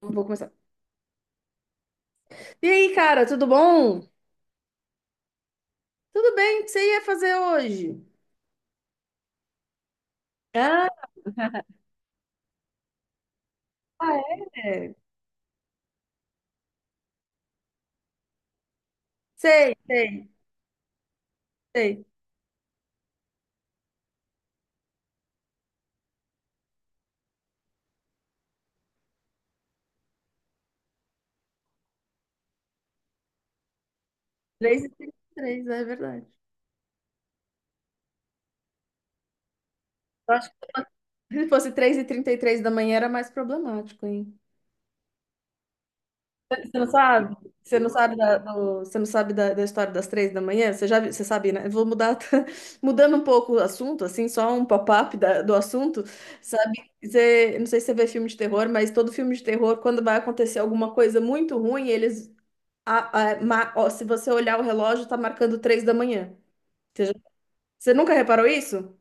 Vou começar. E aí, cara, tudo bom? Tudo bem? O que você ia fazer hoje? Ah, é. Sei, sei, sei. Três e trinta e três, é verdade. Eu acho que se fosse três e trinta e três da manhã era mais problemático, hein? Você não sabe? Você não sabe você não sabe da, da história das três da manhã? Você sabe, né? Eu vou mudar, mudando um pouco o assunto, assim, só um pop-up do assunto, sabe? Você, não sei se você vê filme de terror, mas todo filme de terror, quando vai acontecer alguma coisa muito ruim, eles a- ma- ó, se você olhar o relógio, tá marcando três da manhã. Você, já- você nunca reparou isso?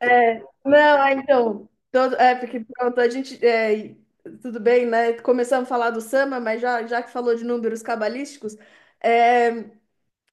É, não, é, então, Todo, é, porque pronto, a gente. É, e- Tudo bem, né? Começamos a falar do Samba, mas já que falou de números cabalísticos, é,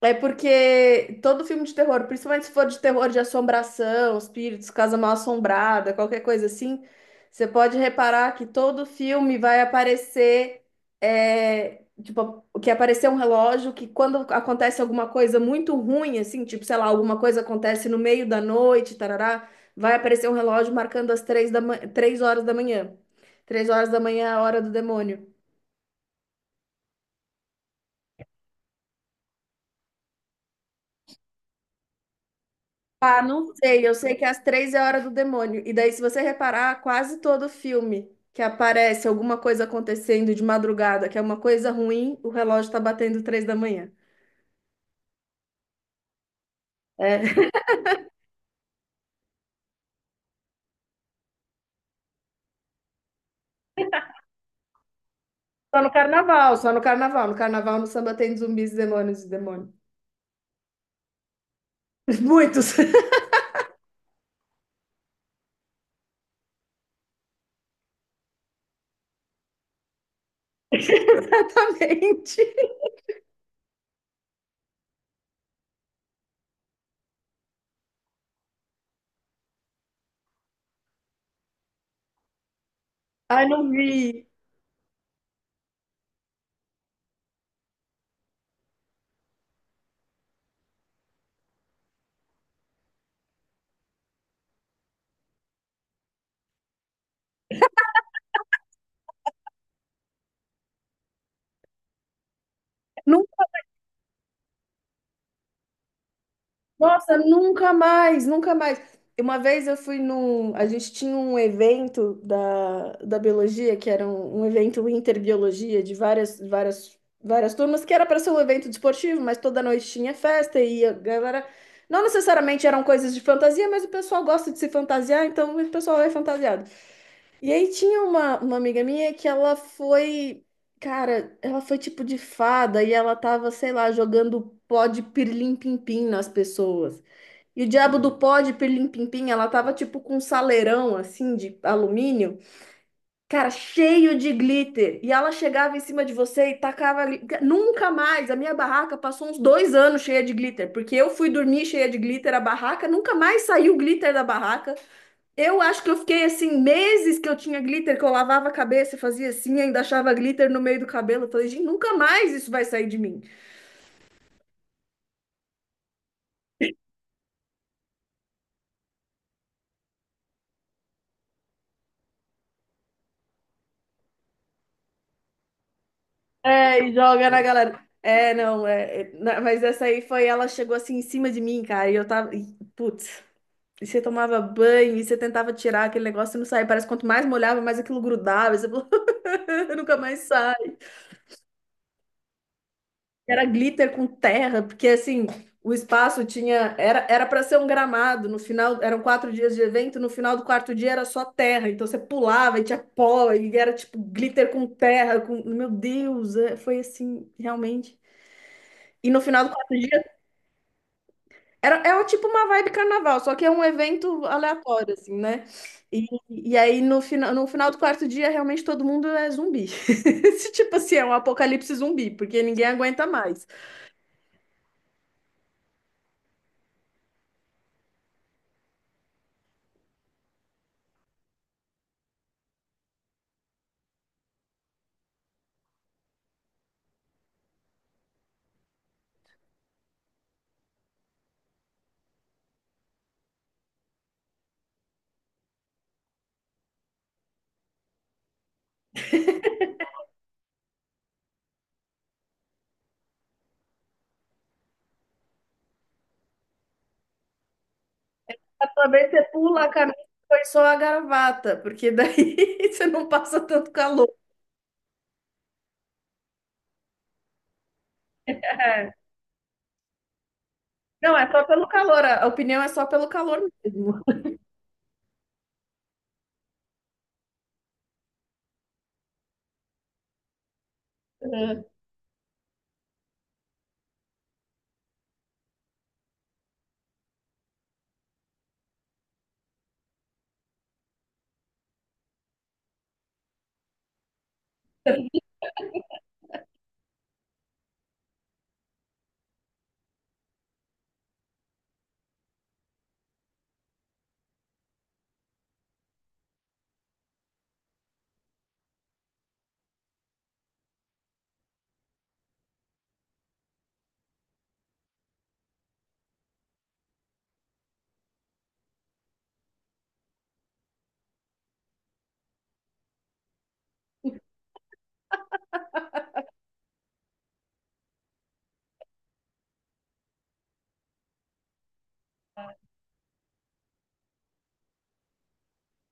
é porque todo filme de terror, principalmente se for de terror de assombração, espíritos, casa mal assombrada, qualquer coisa assim, você pode reparar que todo filme vai aparecer, tipo, que aparecer um relógio que quando acontece alguma coisa muito ruim, assim, tipo, sei lá, alguma coisa acontece no meio da noite, tarará, vai aparecer um relógio marcando as três da ma- três horas da manhã. Três horas da manhã é a hora do demônio. Ah, não sei. Eu sei que às três é a hora do demônio. E daí, se você reparar, quase todo filme que aparece alguma coisa acontecendo de madrugada, que é uma coisa ruim, o relógio tá batendo três da manhã. É. Só no carnaval, só no carnaval. No carnaval, no samba tem zumbis, demônios e demônios. Muitos. Exatamente. Ai, não vi. Não. Nossa, nunca mais, nunca mais. Uma vez eu fui num. A gente tinha um evento da biologia, que era um evento interbiologia de várias turmas, que era para ser um evento desportivo, mas toda noite tinha festa e a galera. Não necessariamente eram coisas de fantasia, mas o pessoal gosta de se fantasiar, então o pessoal é fantasiado. E aí tinha uma amiga minha que ela foi. Cara, ela foi tipo de fada e ela tava, sei lá, jogando pó de pirlim-pim-pim nas pessoas. E o diabo do pó de pirlim-pim-pim, ela tava tipo com um saleirão assim de alumínio, cara, cheio de glitter. E ela chegava em cima de você e tacava. Nunca mais! A minha barraca passou uns dois anos cheia de glitter, porque eu fui dormir cheia de glitter, a barraca nunca mais saiu glitter da barraca. Eu acho que eu fiquei assim, meses que eu tinha glitter, que eu lavava a cabeça, fazia assim, ainda achava glitter no meio do cabelo. Eu falei, gente, nunca mais isso vai sair de mim. É, e joga na galera. É, não, é, é, na- mas essa aí foi, ela chegou assim em cima de mim, cara, e eu tava, e, putz, e você tomava banho, e você tentava tirar aquele negócio e não saía, parece que quanto mais molhava, mais aquilo grudava, e você falou, nunca mais sai. Era glitter com terra, porque assim, o espaço tinha, era para ser um gramado, no final, eram quatro dias de evento, no final do quarto dia era só terra, então você pulava e tinha pó, e era tipo glitter com terra, com, meu Deus, é, foi assim, realmente. E no final do quarto dia era, é o tipo uma vibe carnaval, só que é um evento aleatório, assim, né? E aí no, fina, no final do quarto dia, realmente todo mundo é zumbi. Esse tipo assim, é um apocalipse zumbi, porque ninguém aguenta mais. Também você pula a camisa e põe só a gravata, porque daí você não passa tanto calor. É. Não, é só pelo calor, a opinião é só pelo calor mesmo. É.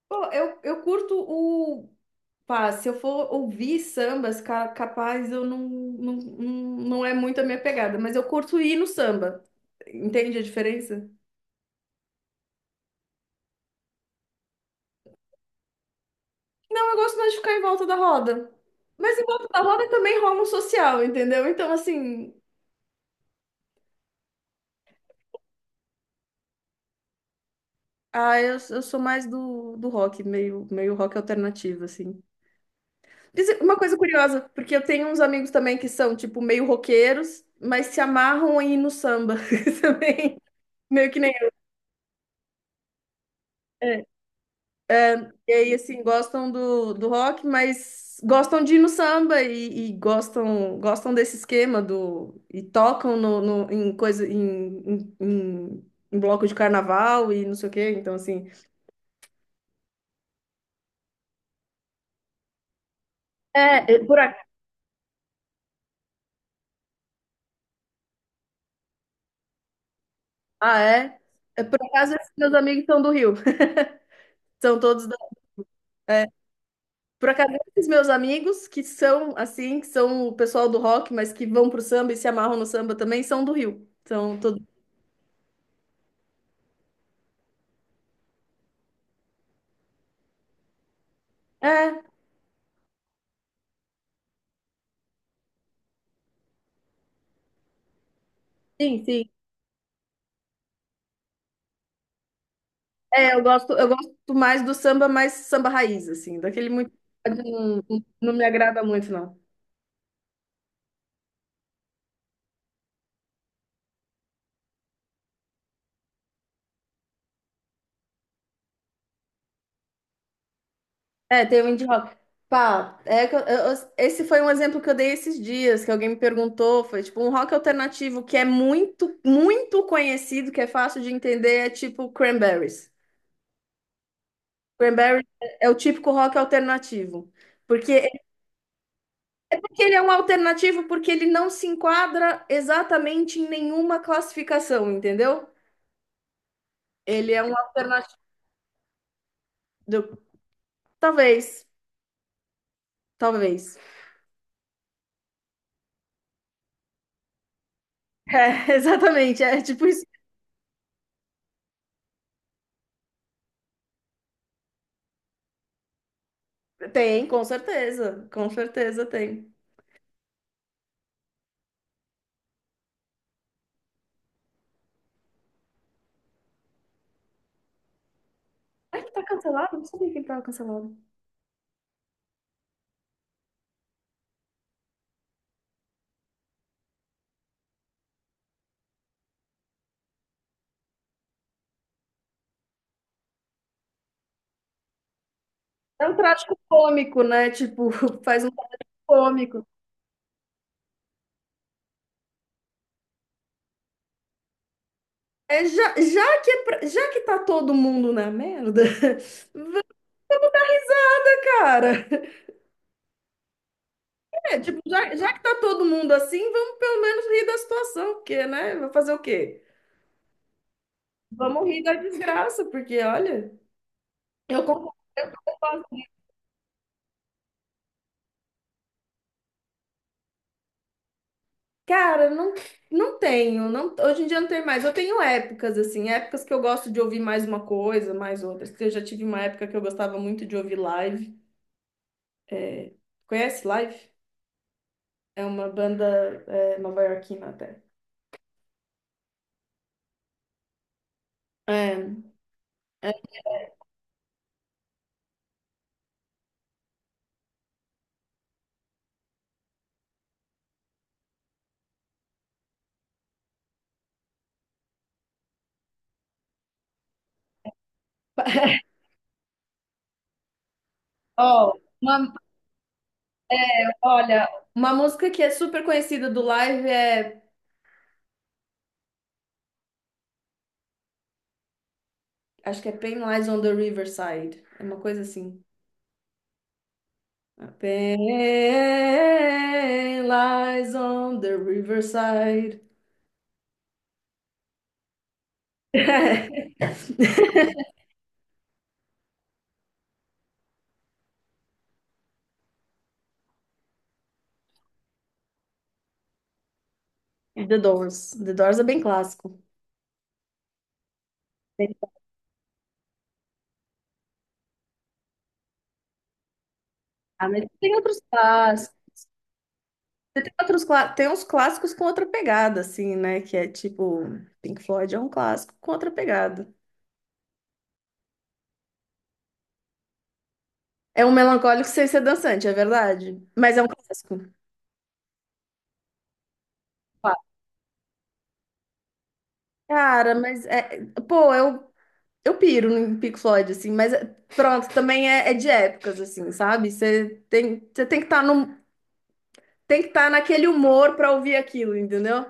Eu curto pá, se eu for ouvir sambas, capaz eu não é muito a minha pegada, mas eu curto ir no samba. Entende a diferença? Não, eu gosto mais de ficar em volta da roda. Mas em volta da roda também rola um social, entendeu? Então, assim, ah, eu sou mais do rock, meio rock alternativo, assim. Mas uma coisa curiosa, porque eu tenho uns amigos também que são, tipo, meio roqueiros, mas se amarram em ir no samba também. Meio que nem eu. E aí, assim, gostam do rock, mas gostam de ir no samba e gostam, gostam desse esquema do, e tocam no, no- em coisa, em, em, em- em bloco de carnaval e não sei o quê. Então, assim. É, é, por acaso. Ah, é? É, por acaso, esses meus amigos são do Rio. São todos da. É. Por acaso, esses meus amigos que são, assim, que são o pessoal do rock, mas que vão pro samba e se amarram no samba também, são do Rio. São todos. É, sim, sim. Eu gosto mais do samba, mais samba raiz, assim, daquele muito. Não, não me agrada muito, não. É, tem o indie rock. Pá, é que esse foi um exemplo que eu dei esses dias, que alguém me perguntou. Foi tipo um rock alternativo que é muito conhecido, que é fácil de entender, é tipo Cranberries. Cranberries é o típico rock alternativo. Porque é que ele é um alternativo porque ele não se enquadra exatamente em nenhuma classificação, entendeu? Ele é um alternativo. Talvez, talvez. É, exatamente, é tipo isso. Tem, com certeza tem. Ah, ele tá cancelado? Não sabia que ele tava cancelado. É um trágico cômico, né? Tipo, faz um traje cômico. É, já que é já que tá todo mundo na merda, vamos dar risada, cara. É, tipo, já que tá todo mundo assim, vamos pelo menos rir da situação, porque, né? Vai fazer o quê? Vamos rir da desgraça, porque, olha, eu concordo. Cara, não, não tenho. Não, hoje em dia não tem mais. Eu tenho épocas, assim, épocas que eu gosto de ouvir mais uma coisa, mais outras. Que Eu já tive uma época que eu gostava muito de ouvir live. É, conhece live? É uma banda nova-iorquina até. É, é, ó, uma- olha, uma música que é super conhecida do live é. Acho que é Pain Lies on the Riverside. É uma coisa assim. Pain Lies on the Riverside. The Doors. The Doors é bem clássico. Tem, ah, mas tem outros clássicos. Tem outros, tem uns clássicos com outra pegada, assim, né? Que é tipo, Pink Floyd é um clássico com outra pegada. É um melancólico sem ser dançante, é verdade. Mas é um clássico. Claro. Cara, mas é. Eu piro no Pink Floyd, assim, pronto, também é, é de épocas, assim, sabe? Você tem que estar no, tem que estar naquele humor pra ouvir aquilo, entendeu?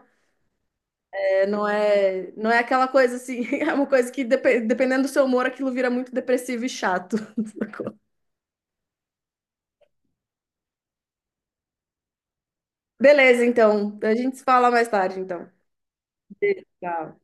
É, não é, não é aquela coisa assim, é uma coisa que dependendo do seu humor, aquilo vira muito depressivo e chato. Sacou? Beleza, então. A gente se fala mais tarde, então. Beijo, tchau.